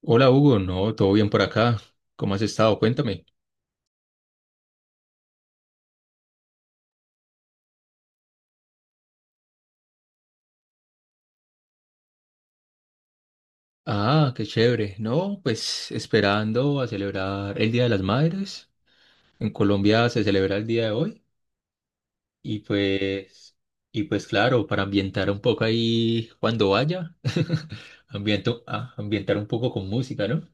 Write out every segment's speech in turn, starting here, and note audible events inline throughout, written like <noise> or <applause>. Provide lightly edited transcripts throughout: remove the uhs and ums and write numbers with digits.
Hola Hugo, no, todo bien por acá. ¿Cómo has estado? Cuéntame. Ah, qué chévere. No, pues esperando a celebrar el Día de las Madres. En Colombia se celebra el día de hoy y pues y pues claro, para ambientar un poco ahí cuando vaya, <laughs> ambientar un poco con música, ¿no?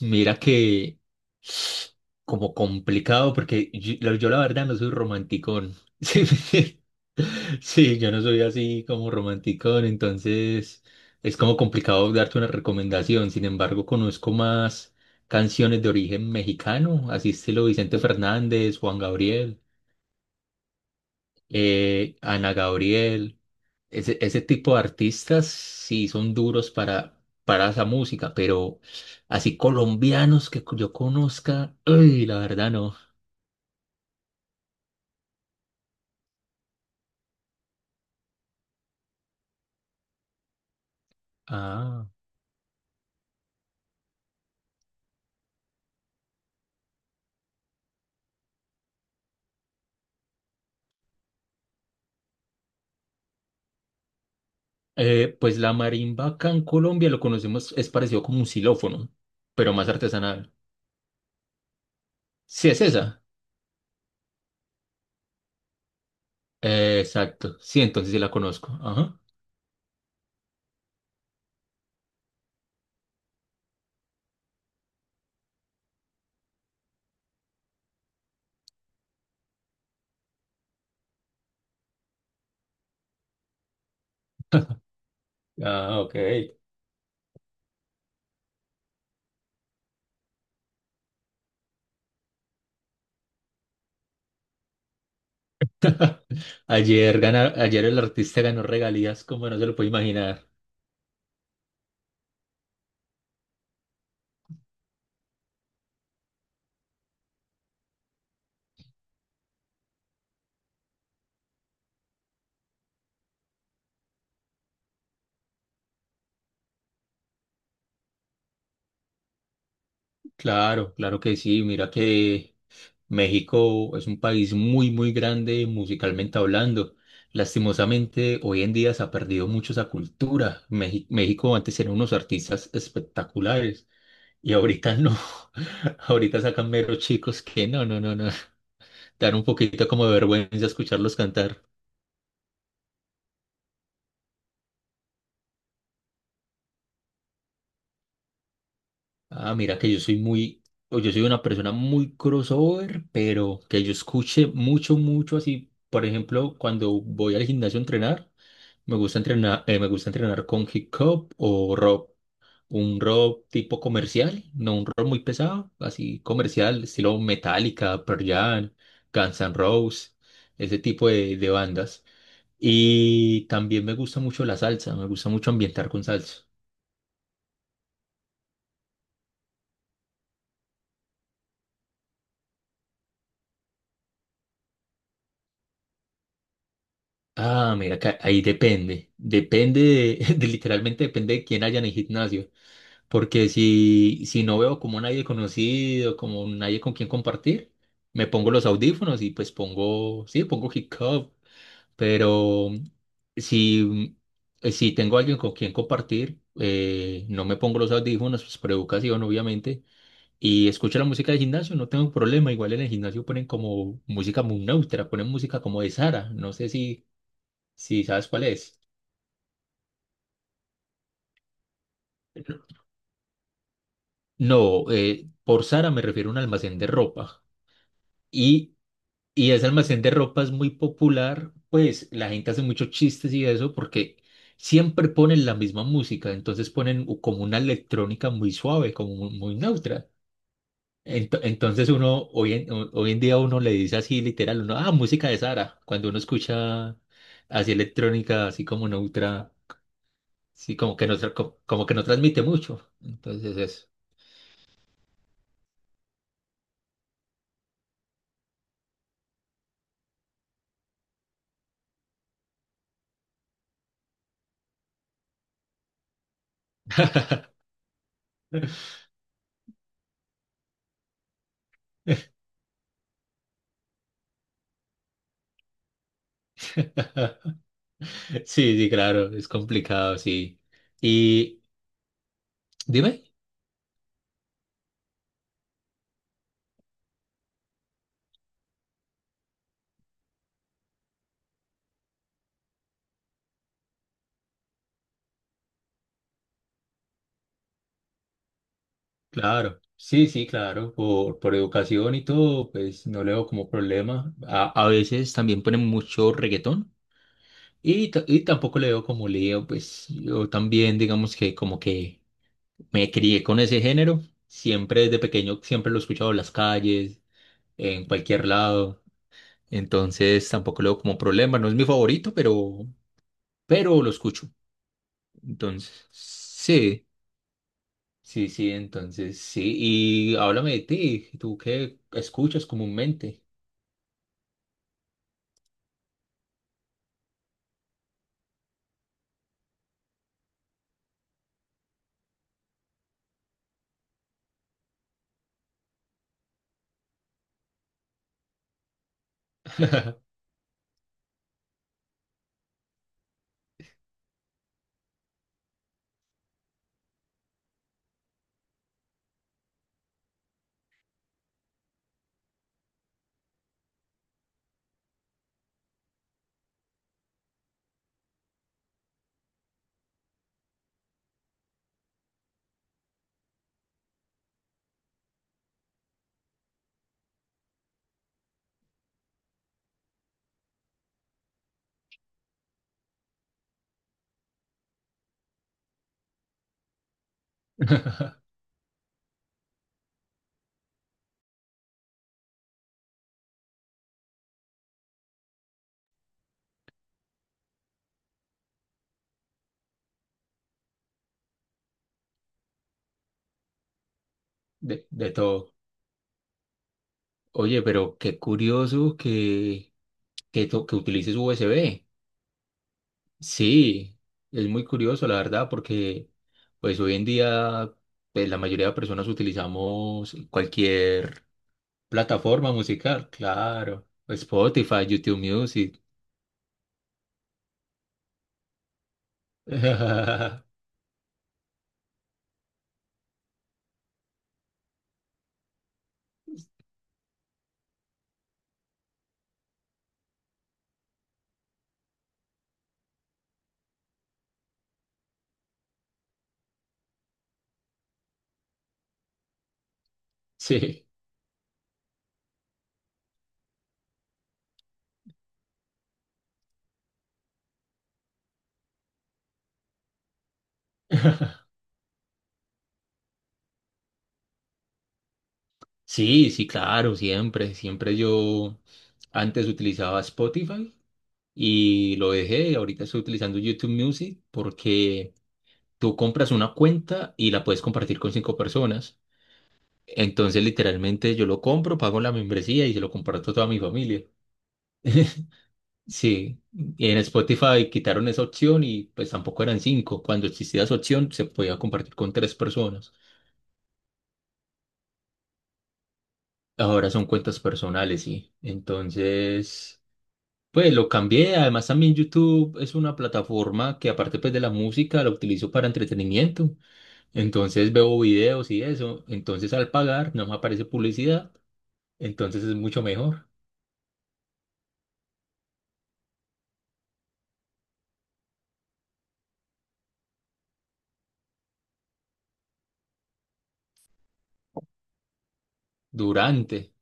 Mira que como complicado porque yo la verdad no soy romanticón. <laughs> Sí, sí, yo no soy así como romanticón, entonces es como complicado darte una recomendación. Sin embargo, conozco más canciones de origen mexicano, así estilo Vicente Fernández, Juan Gabriel, Ana Gabriel, ese tipo de artistas sí son duros para esa música, pero así colombianos que yo conozca, ay, la verdad no. Ah, pues la marimba acá en Colombia lo conocemos, es parecido como un xilófono, pero más artesanal. Sí, es esa. Exacto, sí, entonces sí la conozco. Ajá. Ah, ok. Ayer, ayer el artista ganó regalías como no se lo puede imaginar. Claro, claro que sí. Mira que México es un país muy, muy grande musicalmente hablando. Lastimosamente, hoy en día se ha perdido mucho esa cultura. México antes eran unos artistas espectaculares y ahorita no. <laughs> Ahorita sacan meros chicos que no, no, no, no. Dar un poquito como de vergüenza escucharlos cantar. Ah, mira que yo soy una persona muy crossover, pero que yo escuche mucho, mucho así. Por ejemplo, cuando voy al gimnasio a entrenar. Me gusta entrenar, me gusta entrenar con hip hop o rock. Un rock tipo comercial, no un rock muy pesado, así comercial, estilo Metallica, Pearl Jam, Guns N' Roses, de bandas. Y también me gusta mucho la salsa, me gusta mucho ambientar con salsa. Ah, mira, que ahí depende, <laughs> literalmente depende de quién haya en el gimnasio. Porque si no veo como nadie conocido, como nadie con quien compartir, me pongo los audífonos y pues pongo, sí, pongo hip hop, pero si, si tengo alguien con quien compartir, no me pongo los audífonos, pues por educación obviamente, y escucho la música del gimnasio, no tengo problema, igual en el gimnasio ponen como música muy neutra, ponen música como de Sara, no sé si sabes cuál es. No, por Sara me refiero a un almacén de ropa. Y Y ese almacén de ropa es muy popular, pues la gente hace muchos chistes y eso porque siempre ponen la misma música, entonces ponen como una electrónica muy suave, muy, neutra. Entonces uno, hoy en día uno le dice así literal, uno, ah, música de Sara, cuando uno escucha así electrónica, así como neutra, sí, como que no, como que no transmite mucho. Entonces eso. <laughs> Sí, sí, claro, es complicado, sí. Y dime. Claro, sí, sí, claro, por educación y todo, pues no le veo como problema. A veces también ponen mucho reggaetón y tampoco le veo como lío, pues yo también digamos que como que me crié con ese género, siempre desde pequeño, siempre lo he escuchado en las calles, en cualquier lado, entonces tampoco le veo como problema, no es mi favorito, pero lo escucho, entonces, sí. Sí, sí, entonces sí. Y háblame de ti, ¿tú qué escuchas comúnmente? <laughs> De todo. Oye, pero qué curioso que utilices USB. Sí, es muy curioso, la verdad, porque pues hoy en día pues, la mayoría de personas utilizamos cualquier plataforma musical, claro. Spotify, YouTube Music. <laughs> Sí. Sí, sí, claro, siempre, siempre yo antes utilizaba Spotify y lo dejé, ahorita estoy utilizando YouTube Music porque tú compras una cuenta y la puedes compartir con 5 personas. Entonces, literalmente yo lo compro, pago la membresía y se lo comparto a toda mi familia. <laughs> Sí, y en Spotify quitaron esa opción y pues tampoco eran 5. Cuando existía esa opción se podía compartir con 3 personas. Ahora son cuentas personales, sí. Entonces... Pues lo cambié, además también YouTube es una plataforma que aparte pues de la música la utilizo para entretenimiento, entonces veo videos y eso, entonces al pagar no me aparece publicidad, entonces es mucho mejor. Durante,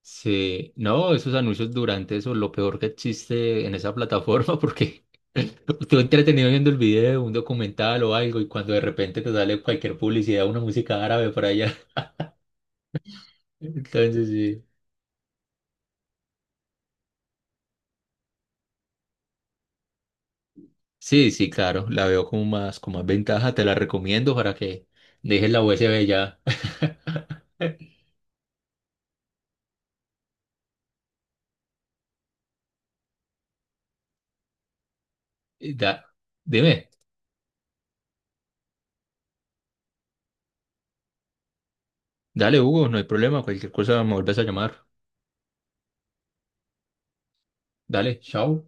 sí, no, esos anuncios durante eso es lo peor que existe en esa plataforma <laughs> porque tú entretenido viendo el video, un documental o algo y cuando de repente te sale cualquier publicidad, una música árabe por allá, <laughs> entonces sí. Sí, sí, claro, la veo como más ventaja, te la recomiendo para que dejes la USB ya. <laughs> Da- dime, dale Hugo, no hay problema, cualquier cosa me vuelves a llamar. Dale, chao.